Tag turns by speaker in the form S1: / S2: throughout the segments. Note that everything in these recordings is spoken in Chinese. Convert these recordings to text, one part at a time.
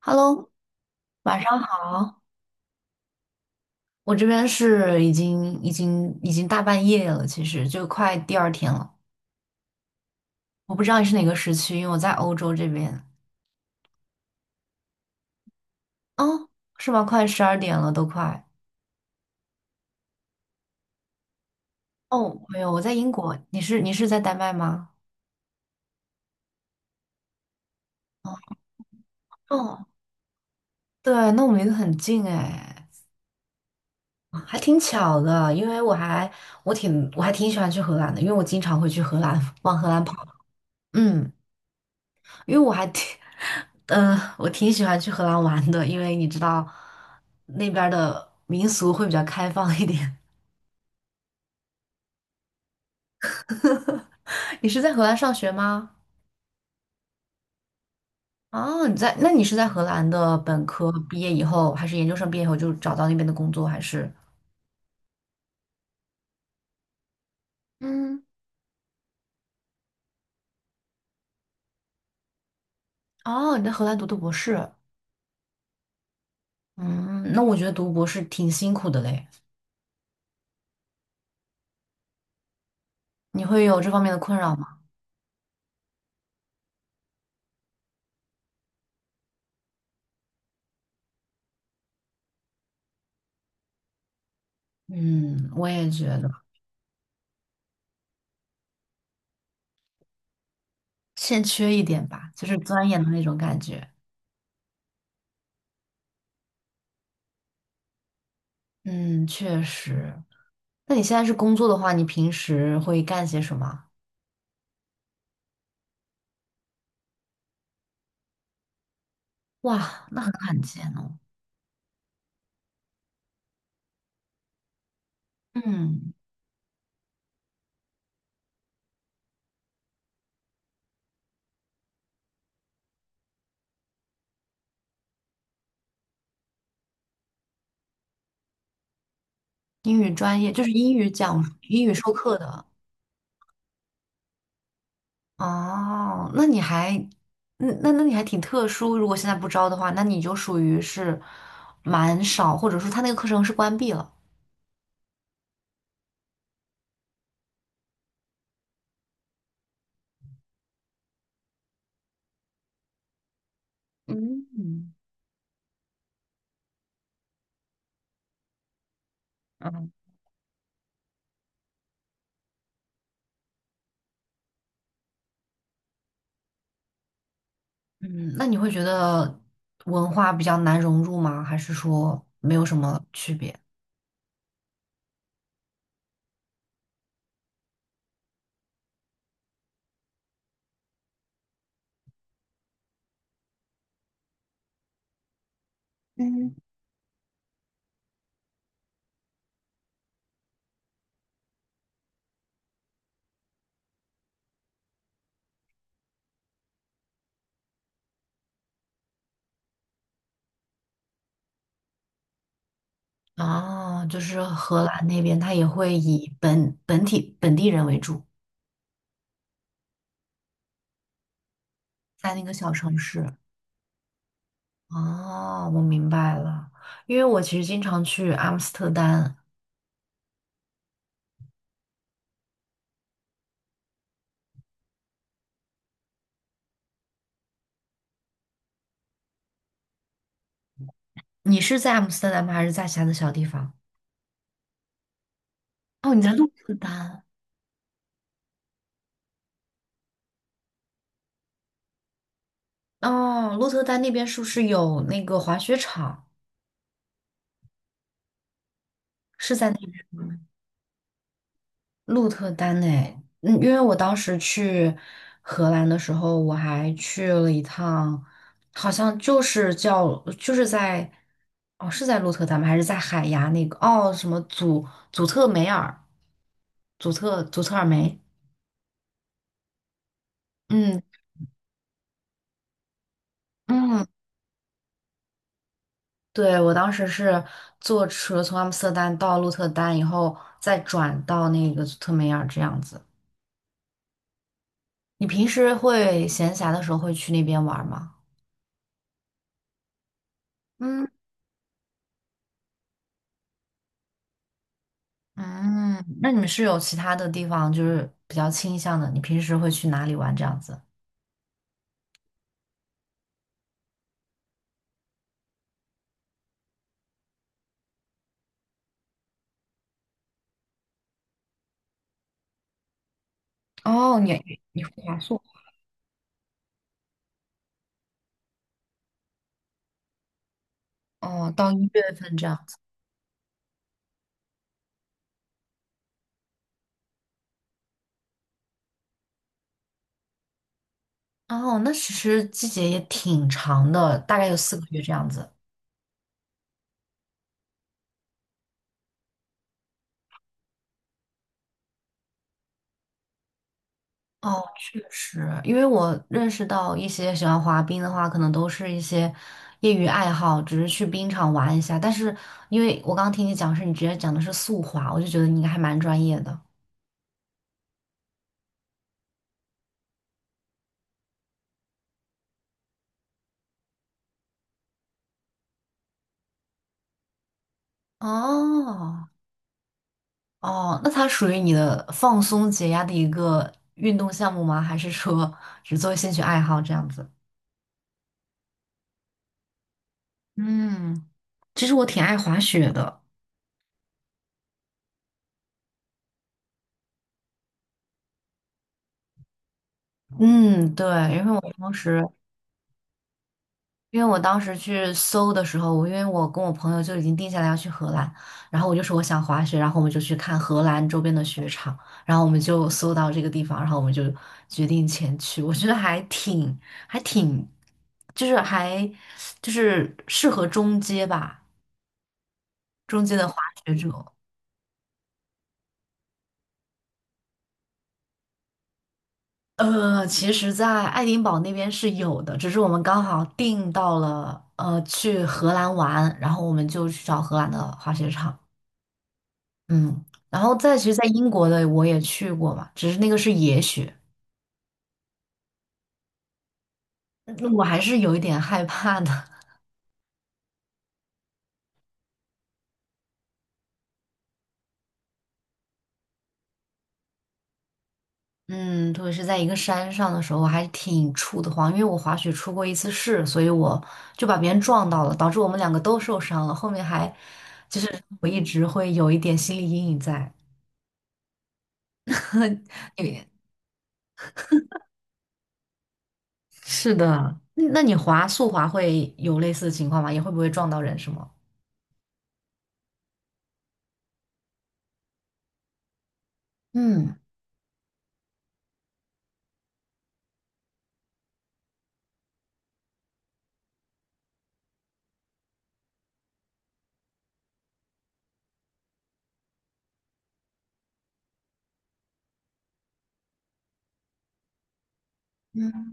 S1: Hello，晚上好。我这边是已经大半夜了，其实就快第二天了。我不知道你是哪个时区，因为我在欧洲这边。哦，是吗？快十二点了，都快。哦，没有，我在英国。你是在丹麦吗？哦，对，那我们离得很近哎，还挺巧的。因为我还挺喜欢去荷兰的，因为我经常会去荷兰，往荷兰跑。嗯，因为我还挺 我挺喜欢去荷兰玩的，因为你知道那边儿的民俗会比较开放一点。你是在荷兰上学吗？哦，那你是在荷兰的本科毕业以后，还是研究生毕业以后就找到那边的工作，还是？嗯，哦，你在荷兰读的博士。嗯，那我觉得读博士挺辛苦的嘞。你会有这方面的困扰吗？嗯，我也觉得欠缺一点吧，就是钻研的那种感觉。嗯，确实。那你现在是工作的话，你平时会干些什么？哇，那很罕见哦。嗯，英语专业就是英语讲英语授课的。哦，那你还，那你还挺特殊。如果现在不招的话，那你就属于是蛮少，或者说他那个课程是关闭了。嗯嗯嗯，那你会觉得文化比较难融入吗？还是说没有什么区别？嗯。哦，就是荷兰那边，它也会以本地人为主，在那个小城市。哦，我明白了，因为我其实经常去阿姆斯特丹。你是在阿姆斯特丹吗？还是在其他的小地方？哦，你在鹿特丹。哦，鹿特丹那边是不是有那个滑雪场？是在那边吗？鹿特丹诶，嗯，因为我当时去荷兰的时候，我还去了一趟，好像就是叫就是在哦是在鹿特丹吗？还是在海牙那个哦什么祖祖特梅尔祖特祖特尔梅？嗯嗯，对，我当时是坐车从阿姆斯特丹到鹿特丹以后，再转到那个祖特梅尔这样子。你平时会闲暇的时候会去那边玩吗？嗯。嗯，那你们是有其他的地方就是比较倾向的？你平时会去哪里玩这样子？哦，你你会滑速哦，到一月份这样子。哦，那其实季节也挺长的，大概有四个月这样子。哦，确实，因为我认识到一些喜欢滑冰的话，可能都是一些业余爱好，只是去冰场玩一下。但是因为我刚刚听你讲是你直接讲的是速滑，我就觉得你应该还蛮专业的。哦。哦，那它属于你的放松解压的一个运动项目吗？还是说只作为兴趣爱好这样子？嗯，其实我挺爱滑雪的。嗯，对，因为我当时，因为我当时去搜的时候，我因为我跟我朋友就已经定下来要去荷兰，然后我就说我想滑雪，然后我们就去看荷兰周边的雪场，然后我们就搜到这个地方，然后我们就决定前去。我觉得还挺，还挺，就是还就是适合中阶吧。中间的滑雪者。其实，在爱丁堡那边是有的，只是我们刚好订到了，去荷兰玩，然后我们就去找荷兰的滑雪场。嗯，然后再其实，在英国的我也去过嘛，只是那个是野雪，嗯我还是有一点害怕的。嗯，特别是在一个山上的时候，我还挺怵得慌，因为我滑雪出过一次事，所以我就把别人撞到了，导致我们两个都受伤了。后面还我一直会有一点心理阴影在。你是的，那你滑速滑会有类似的情况吗？也会不会撞到人是吗？嗯，嗯，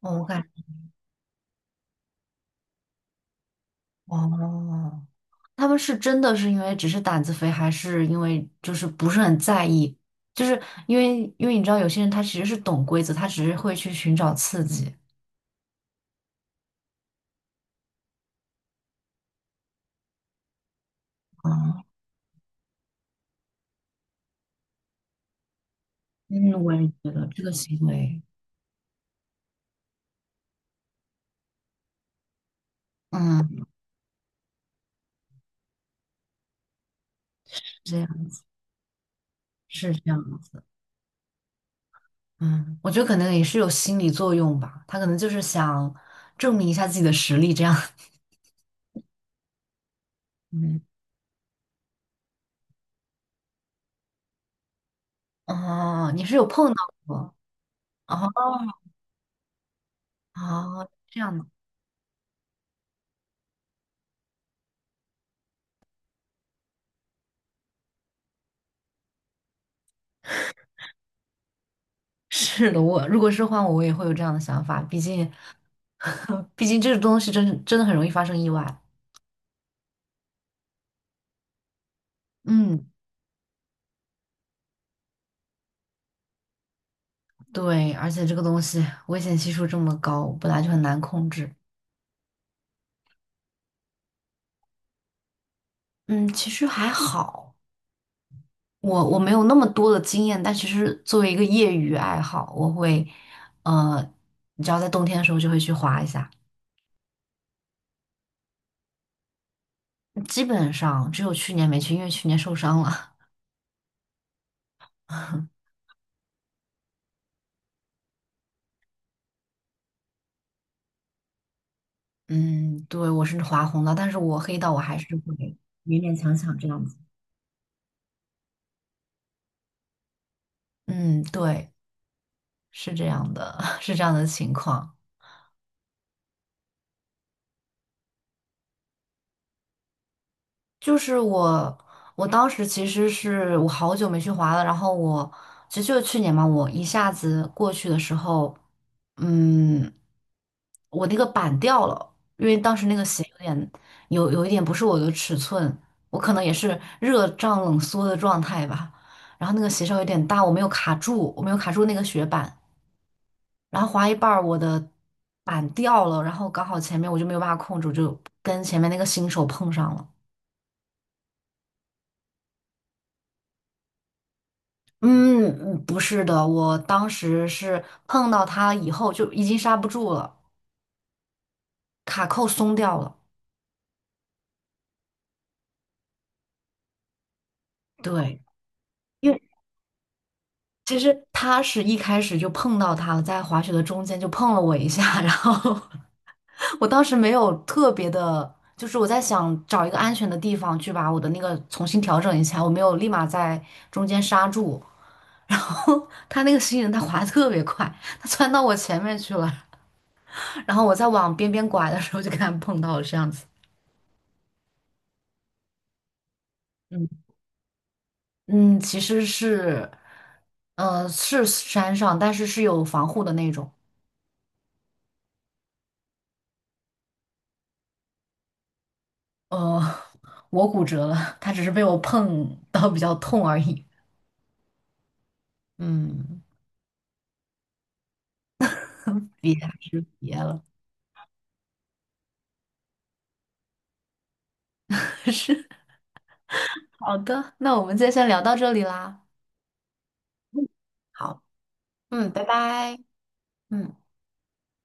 S1: 哦我感哦，他们是真的是因为只是胆子肥，还是因为就是不是很在意？就是因为你知道有些人他其实是懂规则，他只是会去寻找刺激。啊，嗯，我也觉得这个行为，嗯，是这样子，是这样子，嗯，我觉得可能也是有心理作用吧，他可能就是想证明一下自己的实力，这样，嗯。哦，你是有碰到过哦哦，这样的，是的，我如果是换我，我也会有这样的想法，毕竟，毕竟这个东西真的很容易发生意外。嗯，对，而且这个东西危险系数这么高，本来就很难控制。嗯，其实还好，我没有那么多的经验，但其实作为一个业余爱好，我会，呃，你知道在冬天的时候就会去滑一下，基本上只有去年没去，因为去年受伤了。嗯，对，我是划红的，但是我黑到我还是会勉勉强强这样子。嗯，对，是这样的，是这样的情况。就是我当时其实是我好久没去滑了，然后我其实就是去年嘛，我一下子过去的时候，嗯，我那个板掉了，因为当时那个鞋有一点不是我的尺寸，我可能也是热胀冷缩的状态吧，然后那个鞋稍有点大，我没有卡住，我没有卡住那个雪板，然后滑一半儿我的板掉了，然后刚好前面我就没有办法控制，我就跟前面那个新手碰上了。嗯，不是的，我当时是碰到他以后就已经刹不住了，卡扣松掉了。对，因为其实他是一开始就碰到他了，在滑雪的中间就碰了我一下，然后我当时没有特别的，就是我在想找一个安全的地方去把我的那个重新调整一下，我没有立马在中间刹住，然后他那个新人他滑得特别快，他窜到我前面去了，然后我在往边边拐的时候就跟他碰到了这样子。嗯。嗯，其实是山上，但是是有防护的那种。呃，我骨折了，它只是被我碰到比较痛而已。嗯，别还是别，是好的。那我们今天先聊到这里啦。好，嗯，拜拜。嗯。